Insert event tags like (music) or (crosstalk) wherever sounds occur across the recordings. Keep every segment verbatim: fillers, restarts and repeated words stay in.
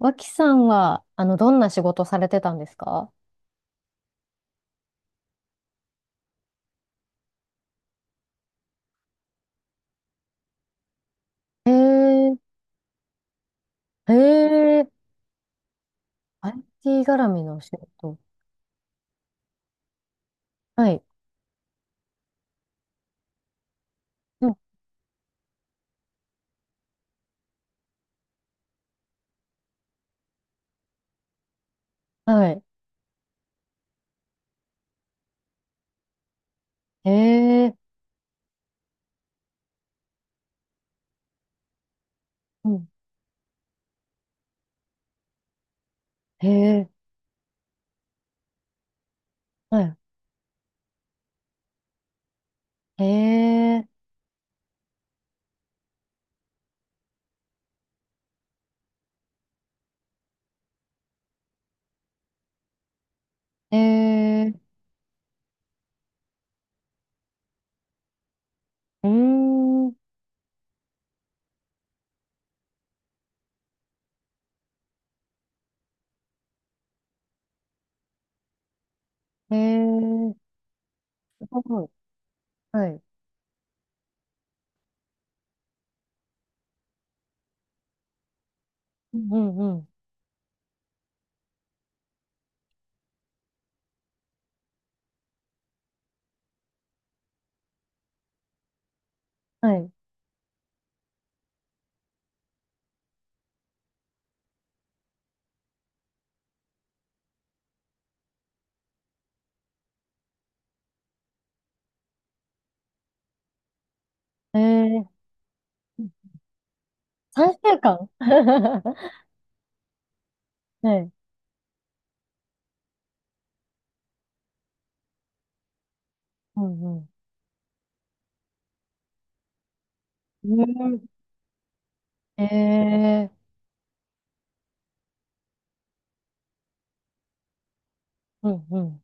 脇さんは、あの、どんな仕事されてたんですか？へえ。へえ。アイティー 絡みの仕事。はい。うん。はい。へえ。うん。へえ。はい。へえ。へえ。うーん。へえ。すごい。はい。うん、うん、うん。はい。へえ。三週間 (laughs) はい。うん、うん。(laughs) うん。へえ。うん、うん。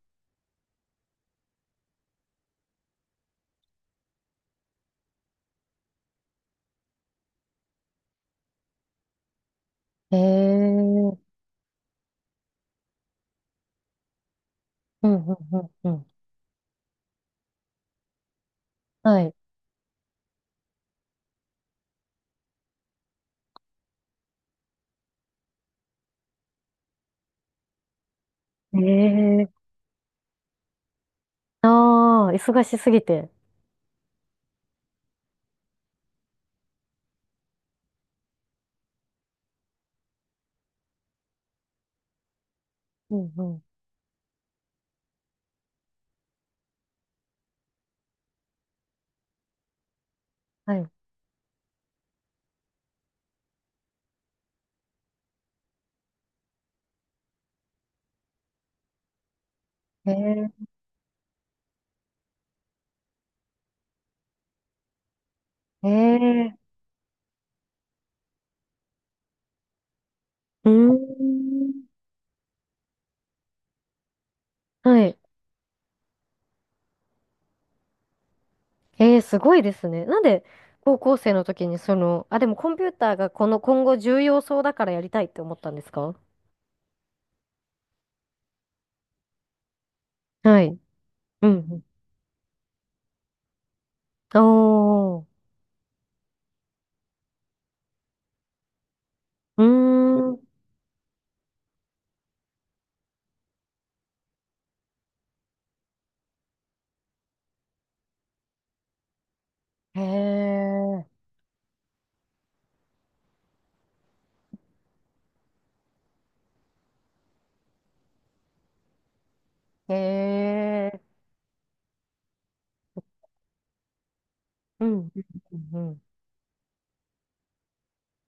へえ。うん、うん、うん、うん。はい。ええ。ああー、忙しすぎて。うんうん。はい。ええ。ええ。うーん。はい。ええ、すごいですね。なんで、高校生の時にその、あ、でもコンピューターがこの今後重要そうだからやりたいって思ったんですか？はい。うんうん。おー。うーん。へえ。へえ。うん。うんうん。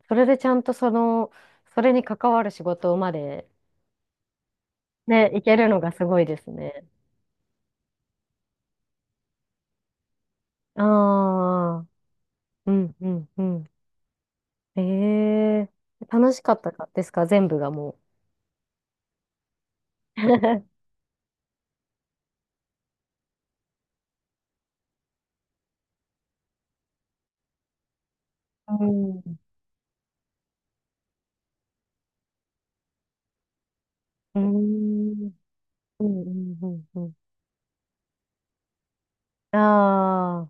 それでちゃんとその、それに関わる仕事まで、ね、いけるのがすごいですね。ああ。うん、うん、うん。ええ、楽しかったかですか、全部がもう。(laughs) うん。うん。うん、うん、うん。うん。あ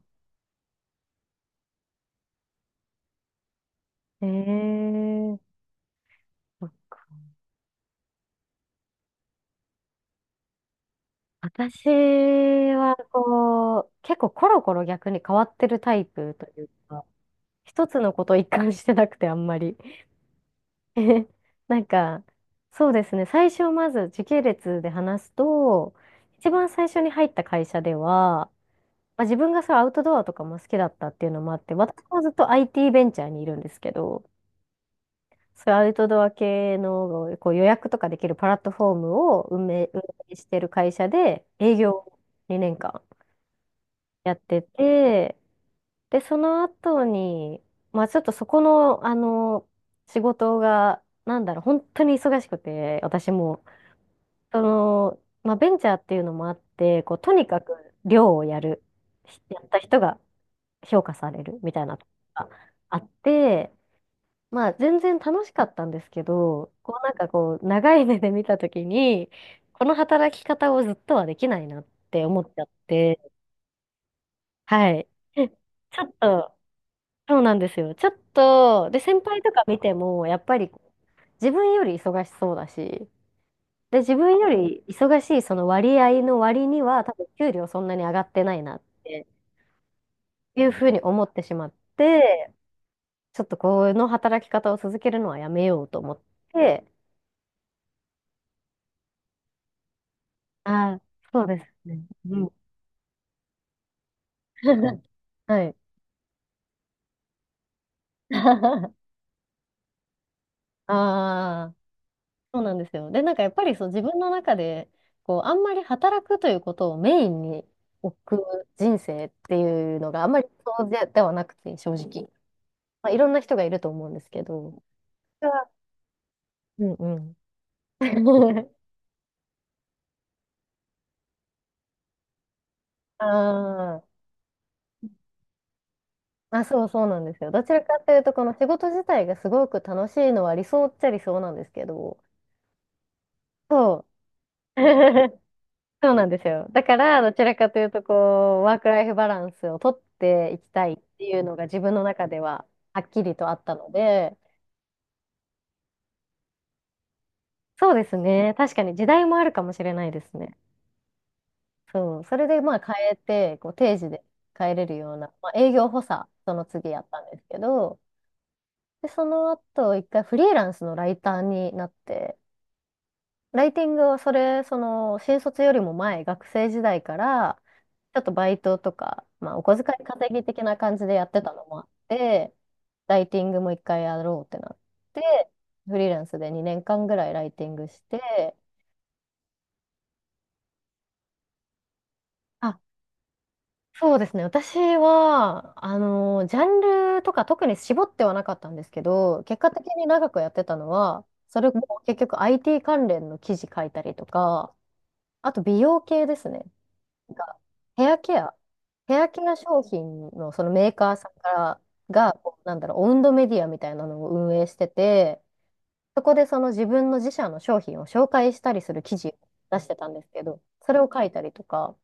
あ。ええ。そっか。私は、こう、結構コロコロ逆に変わってるタイプというか、一つのことを一貫してなくて、あんまり。(laughs) なんか、そうですね、最初まず時系列で話すと、一番最初に入った会社では、まあ、自分がそうアウトドアとかも好きだったっていうのもあって、私もずっと アイティー ベンチャーにいるんですけど、そういうアウトドア系のこう予約とかできるプラットフォームを運営、運営してる会社で営業をにねんかんやってて、で、その後に、まあちょっとそこの、あの、仕事が、なんだろう、本当に忙しくて、私も、その、まあベンチャーっていうのもあって、こう、とにかく量をやる、やった人が評価されるみたいなところがあって、まあ全然楽しかったんですけど、こうなんかこう長い目で見たときに、この働き方をずっとはできないなって思っちゃって、はい。で、ちょっと、そうなんですよ。ちょっと、で、先輩とか見ても、やっぱり自分より忙しそうだし、で、自分より忙しいその割合の割には、多分給料そんなに上がってないなっていうふうに思ってしまって、ちょっとこの働き方を続けるのはやめようと思って、ああ、そうですね。うん。(laughs) はい。(laughs) ああ、そうなんですよ。で、なんかやっぱりそう自分の中で、こう、あんまり働くということをメインに置く人生っていうのがあんまりそうでではなくて、正直。まあ、いろんな人がいると思うんですけど。私はうんうん。(laughs) ああ。あ、そうそうなんですよ。どちらかというと、この仕事自体がすごく楽しいのは理想っちゃ理想なんですけど、そう。(laughs) そうなんですよ。だから、どちらかというと、こう、ワークライフバランスをとっていきたいっていうのが自分の中でははっきりとあったので、そうですね。確かに時代もあるかもしれないですね。そう。それで、まあ、変えて、こう、定時で帰れるような、まあ、営業補佐、その次やったんですけど、で、その後、一回フリーランスのライターになって、ライティングはそれ、その、新卒よりも前、学生時代から、ちょっとバイトとか、まあ、お小遣い稼ぎ的な感じでやってたのもあって、ライティングも一回やろうってなって、フリーランスでにねんかんぐらいライティングして、あ、そうですね。私は、あの、ジャンルとか特に絞ってはなかったんですけど、結果的に長くやってたのは、それも結局 アイティー 関連の記事書いたりとか、あと美容系ですね。なんかヘアケア、ヘアケア商品のそのメーカーさんからが、こうなんだろう、オウンドメディアみたいなのを運営してて、そこでその自分の自社の商品を紹介したりする記事を出してたんですけど、それを書いたりとか、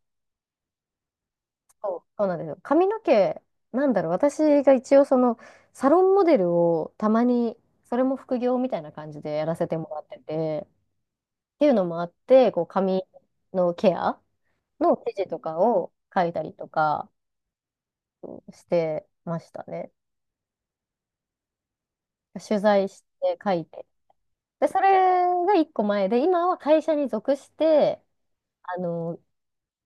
そうそうなんですよ。髪の毛、なんだろう、私が一応そのサロンモデルをたまに、それも副業みたいな感じでやらせてもらってて、っていうのもあって、こう髪のケアの記事とかを書いたりとか、してましたね。取材して書いて。で、それが一個前で、今は会社に属して、あの、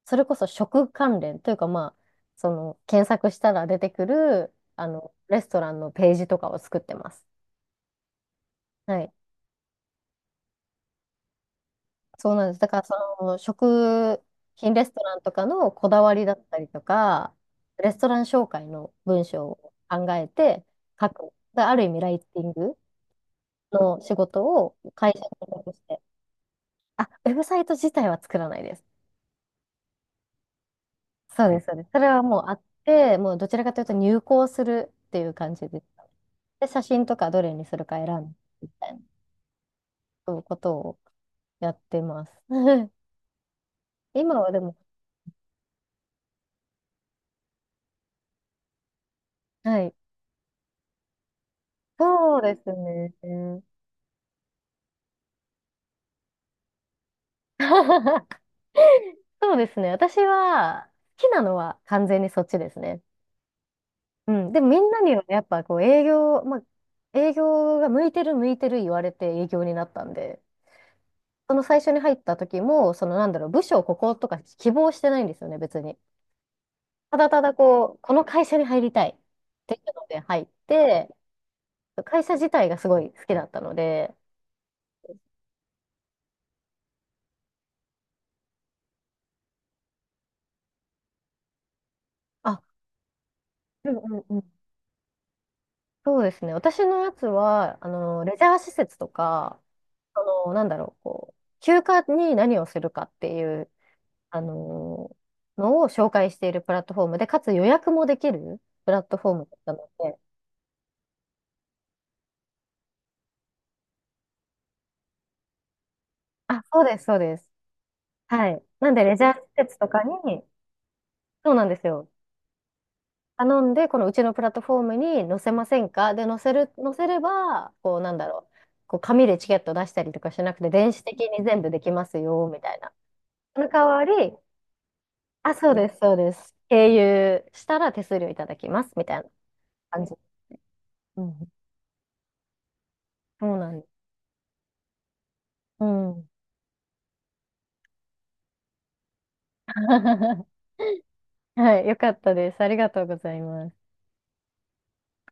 それこそ食関連というか、まあ、その、検索したら出てくる、あの、レストランのページとかを作ってます。はい。そうなんです。だから、その、食品レストランとかのこだわりだったりとか、レストラン紹介の文章を考えて書く。である意味、ライティングの仕事を会社に属してあ、ウェブサイト自体は作らないです。そうです、そうです。それはもうあって、もうどちらかというと入稿するっていう感じです。で、写真とかどれにするか選んでみたいな、そういうことをやってます。(laughs) 今はでも、はい。そうですね。(laughs) そうですね。私は好きなのは完全にそっちですね。うん。でもみんなにはやっぱこう営業、まあ、営業が向いてる向いてる言われて営業になったんで、その最初に入った時も、そのなんだろう、部署をこことか希望してないんですよね、別に。ただただこう、この会社に入りたいっていうので入って、会社自体がすごい好きだったので、あ、うんうんうん。そうですね。私のやつは、あの、レジャー施設とか、あの、なんだろう、こう、休暇に何をするかっていう、あの、のを紹介しているプラットフォームで、かつ予約もできるプラットフォームだったので、あ、そうです、そうです。はい。なんで、レジャー施設とかに、そうなんですよ。頼んで、このうちのプラットフォームに載せませんかで、載せる、載せれば、こう、なんだろう。こう、紙でチケット出したりとかしなくて、電子的に全部できますよ、みたいな。その代わり、あ、そうです、そうです。経由したら手数料いただきます、みたいな感じ。うん。そうなんです。うん。(laughs) はい、よかったです。ありがとうございます。